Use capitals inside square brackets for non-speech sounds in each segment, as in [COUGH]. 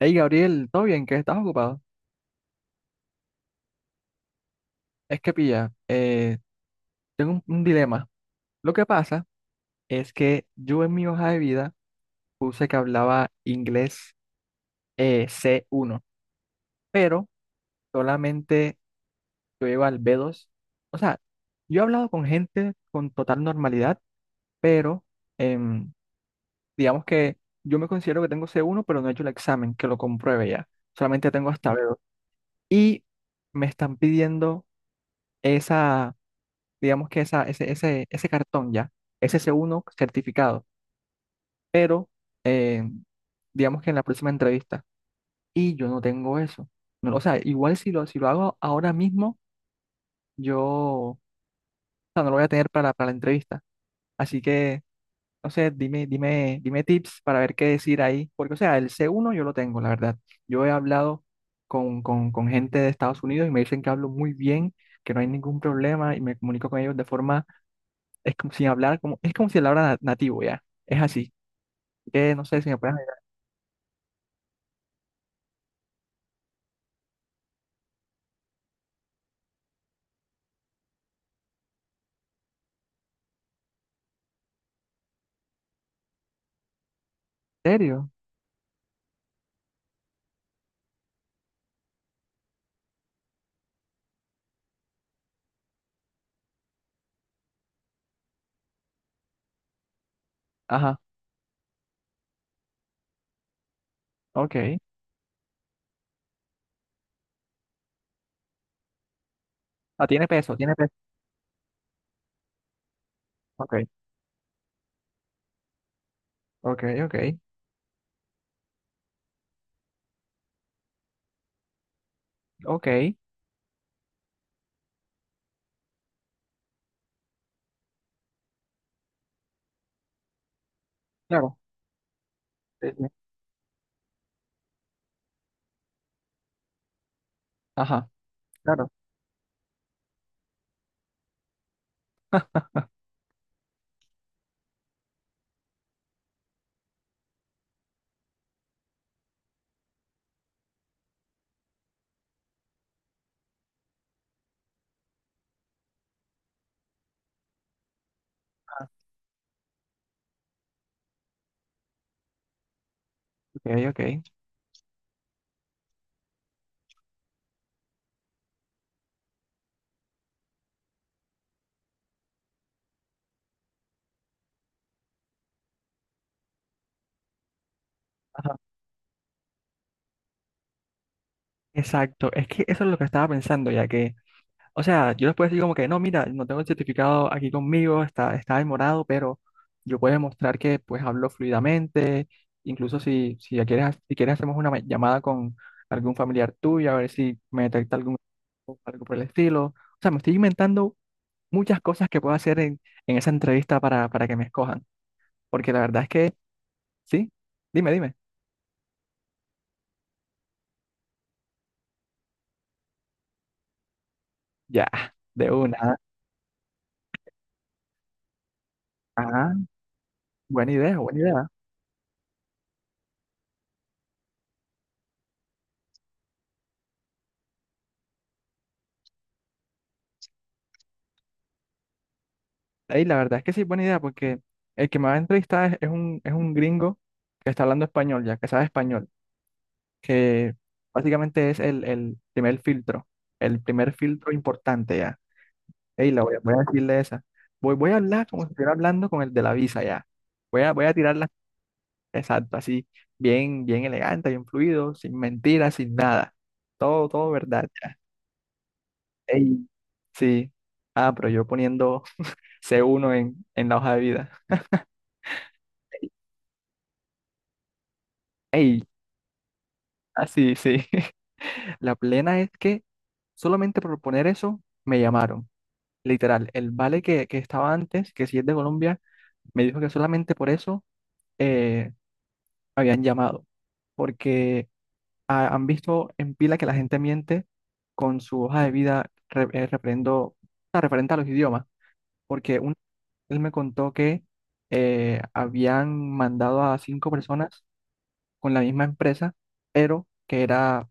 Hey Gabriel, ¿todo bien? ¿Qué estás ocupado? Es que pilla, tengo un dilema. Lo que pasa es que yo en mi hoja de vida puse que hablaba inglés C1, pero solamente yo iba al B2. O sea, yo he hablado con gente con total normalidad, pero em, digamos que yo me considero que tengo C1, pero no he hecho el examen, que lo compruebe ya. Solamente tengo hasta B2. Y me están pidiendo esa digamos que ese cartón ya, es ese C1 certificado, pero eh, digamos que en la próxima entrevista, y yo no tengo eso. No, o sea, igual si lo hago ahora mismo, yo o no lo voy a tener para la entrevista. Así que, no sé, dime tips para ver qué decir ahí, porque o sea, el C1 yo lo tengo, la verdad. Yo he hablado con gente de Estados Unidos y me dicen que hablo muy bien, que no hay ningún problema y me comunico con ellos de forma es como sin hablar, como, es como si hablara nativo ya. Es así. No sé si me puedes. ¿En serio? Ajá, ok. Ah, tiene peso, tiene peso. Ok, ok, ok, ok. Claro. Sí, sí. Ajá, claro. [LAUGHS] Ok, ok. Ajá. Exacto. Es que eso es lo que estaba pensando, ya que, o sea, yo les puedo decir como que, no, mira, no tengo el certificado aquí conmigo, está en morado, pero yo puedo demostrar que pues hablo fluidamente, incluso si ya quieres, si quieres hacemos una llamada con algún familiar tuyo, a ver si me detecta algún o algo por el estilo. O sea, me estoy inventando muchas cosas que puedo hacer en esa entrevista para que me escojan. Porque la verdad es que, sí, dime. Ya, de una. Ah, buena idea, buena idea. Ey, la verdad es que sí, buena idea, porque el que me va a entrevistar es es un gringo que está hablando español, ya que sabe español, que básicamente es el primer filtro importante ya. Ey, voy a decirle esa. Voy a hablar como si estuviera hablando con el de la visa ya. Voy a tirar las exacto, así, bien, bien elegante, bien fluido, sin mentiras, sin nada. Todo verdad ya. Ey, sí. Ah, pero yo poniendo C1 en la hoja de vida. Ey, así, sí. [LAUGHS] La plena es que solamente por poner eso me llamaron. Literal, el vale que estaba antes, que si es de Colombia, me dijo que solamente por eso eh, me habían llamado. Porque han visto en pila que la gente miente con su hoja de vida referente a los idiomas, porque él me contó que habían mandado a 5 personas con la misma empresa, pero que era,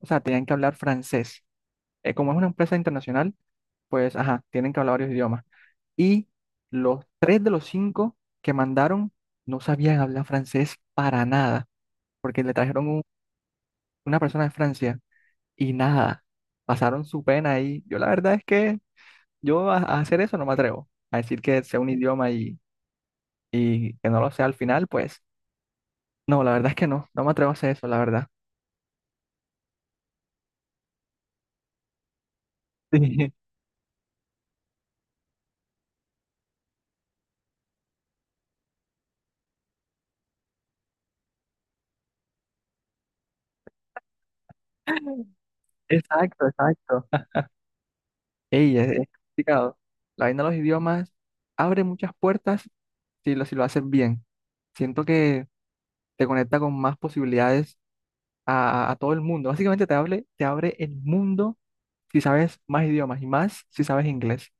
o sea, tenían que hablar francés. Como es una empresa internacional, pues, ajá, tienen que hablar varios idiomas. Y los 3 de los 5 que mandaron no sabían hablar francés para nada, porque le trajeron una persona de Francia. Y nada, pasaron su pena ahí. Yo la verdad es que yo a hacer eso no me atrevo. A decir que sea un idioma y que no lo sea al final, pues no, la verdad es que no, no me atrevo a hacer eso, la verdad. [LAUGHS] Sí, exacto, exacto. Ey, es complicado. La vaina de los idiomas abre muchas puertas si lo haces bien. Siento que te conecta con más posibilidades a todo el mundo. Básicamente te abre el mundo si sabes más idiomas y más si sabes inglés.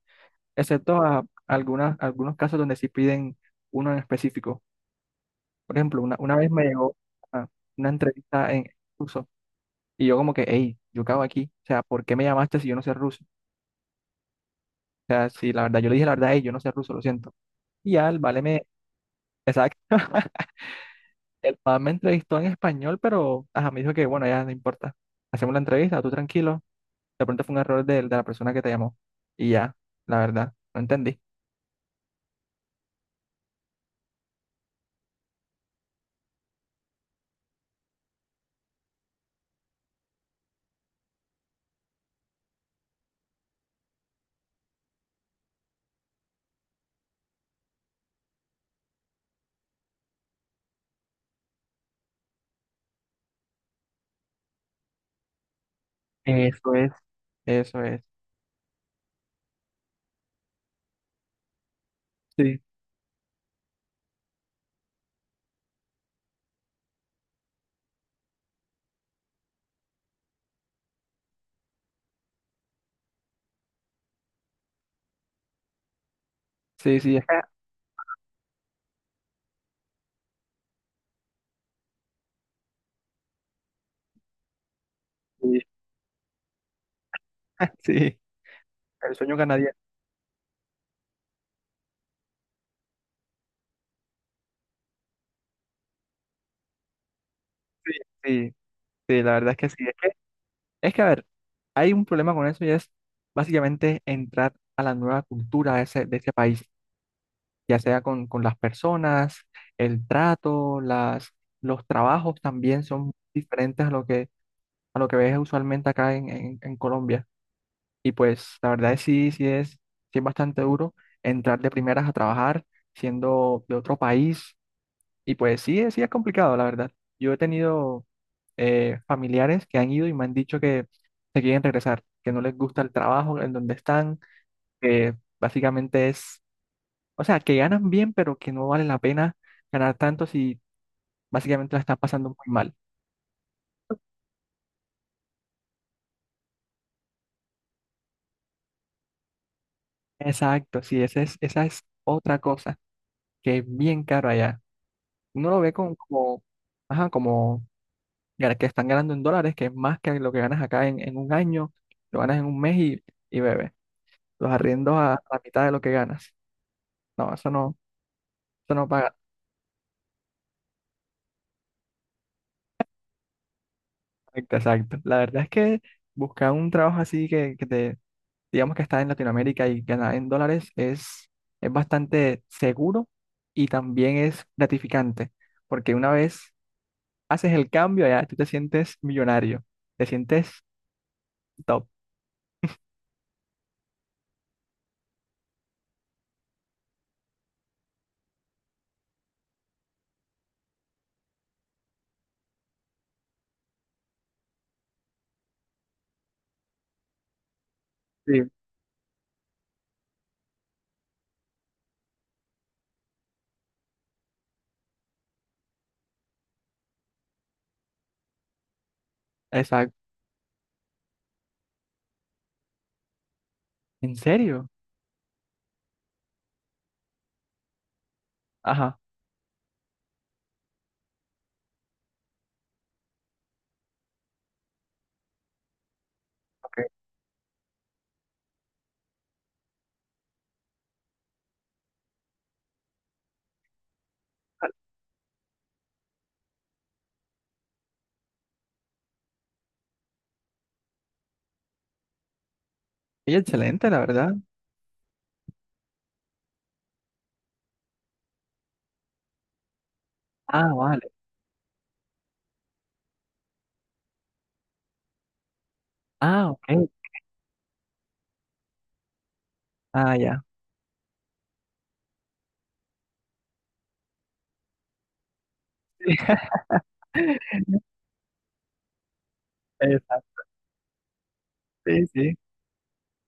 Excepto a algunos casos donde sí piden uno en específico. Por ejemplo, una vez me llegó ah, una entrevista en ruso y yo como que, hey, yo cago aquí, o sea, ¿por qué me llamaste si yo no sé ruso? O sea, si la verdad, yo le dije la verdad, hey, yo no sé ruso, lo siento. Y ya el vale me, exacto, [LAUGHS] el vale me entrevistó en español, pero ajá, me dijo que, bueno, ya no importa, hacemos la entrevista, tú tranquilo, de pronto fue un error de la persona que te llamó. Y ya, la verdad, no entendí. Eso es, eso es. Sí, sí, sí, es que- [LAUGHS] Sí, el sueño canadiense. Sí, sí, sí, la verdad es que sí. Es que, a ver, hay un problema con eso y es básicamente entrar a la nueva cultura de de ese país, ya sea con las personas, el trato, las, los trabajos también son diferentes a lo que ves usualmente acá en Colombia. Y pues la verdad es sí, sí es bastante duro entrar de primeras a trabajar siendo de otro país. Y pues sí, sí es complicado, la verdad. Yo he tenido familiares que han ido y me han dicho que se quieren regresar, que no les gusta el trabajo en donde están, que básicamente es, o sea, que ganan bien, pero que no vale la pena ganar tanto si básicamente la están pasando muy mal. Exacto, sí, esa es otra cosa que es bien caro allá. Uno lo ve ajá, como que están ganando en dólares, que es más que lo que ganas acá en un año, lo ganas en un mes y bebe. Los arriendos a la mitad de lo que ganas. No, eso no paga. Exacto, exacto. La verdad es que buscar un trabajo así que te, digamos que está en Latinoamérica y ganar en dólares es bastante seguro y también es gratificante, porque una vez haces el cambio, ya tú te sientes millonario, te sientes top. Sí. Exacto. ¿En serio? Ajá. Ok. Y excelente, la verdad. Ah, vale. Ah, ok. Ah, ya. [LAUGHS] Exacto. Sí, sí,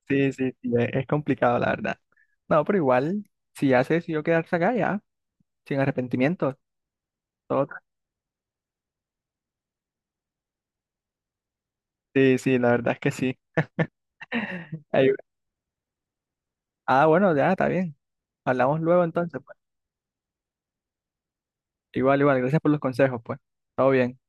sí, sí, sí, es complicado, la verdad. No, pero igual, si ya se decidió quedarse acá, ya. Sin arrepentimiento. Todo. Sí, sí, la verdad es que sí. Ahí- Ah, bueno, ya está bien. Hablamos luego entonces, pues. Igual, igual, gracias por los consejos, pues. Todo bien.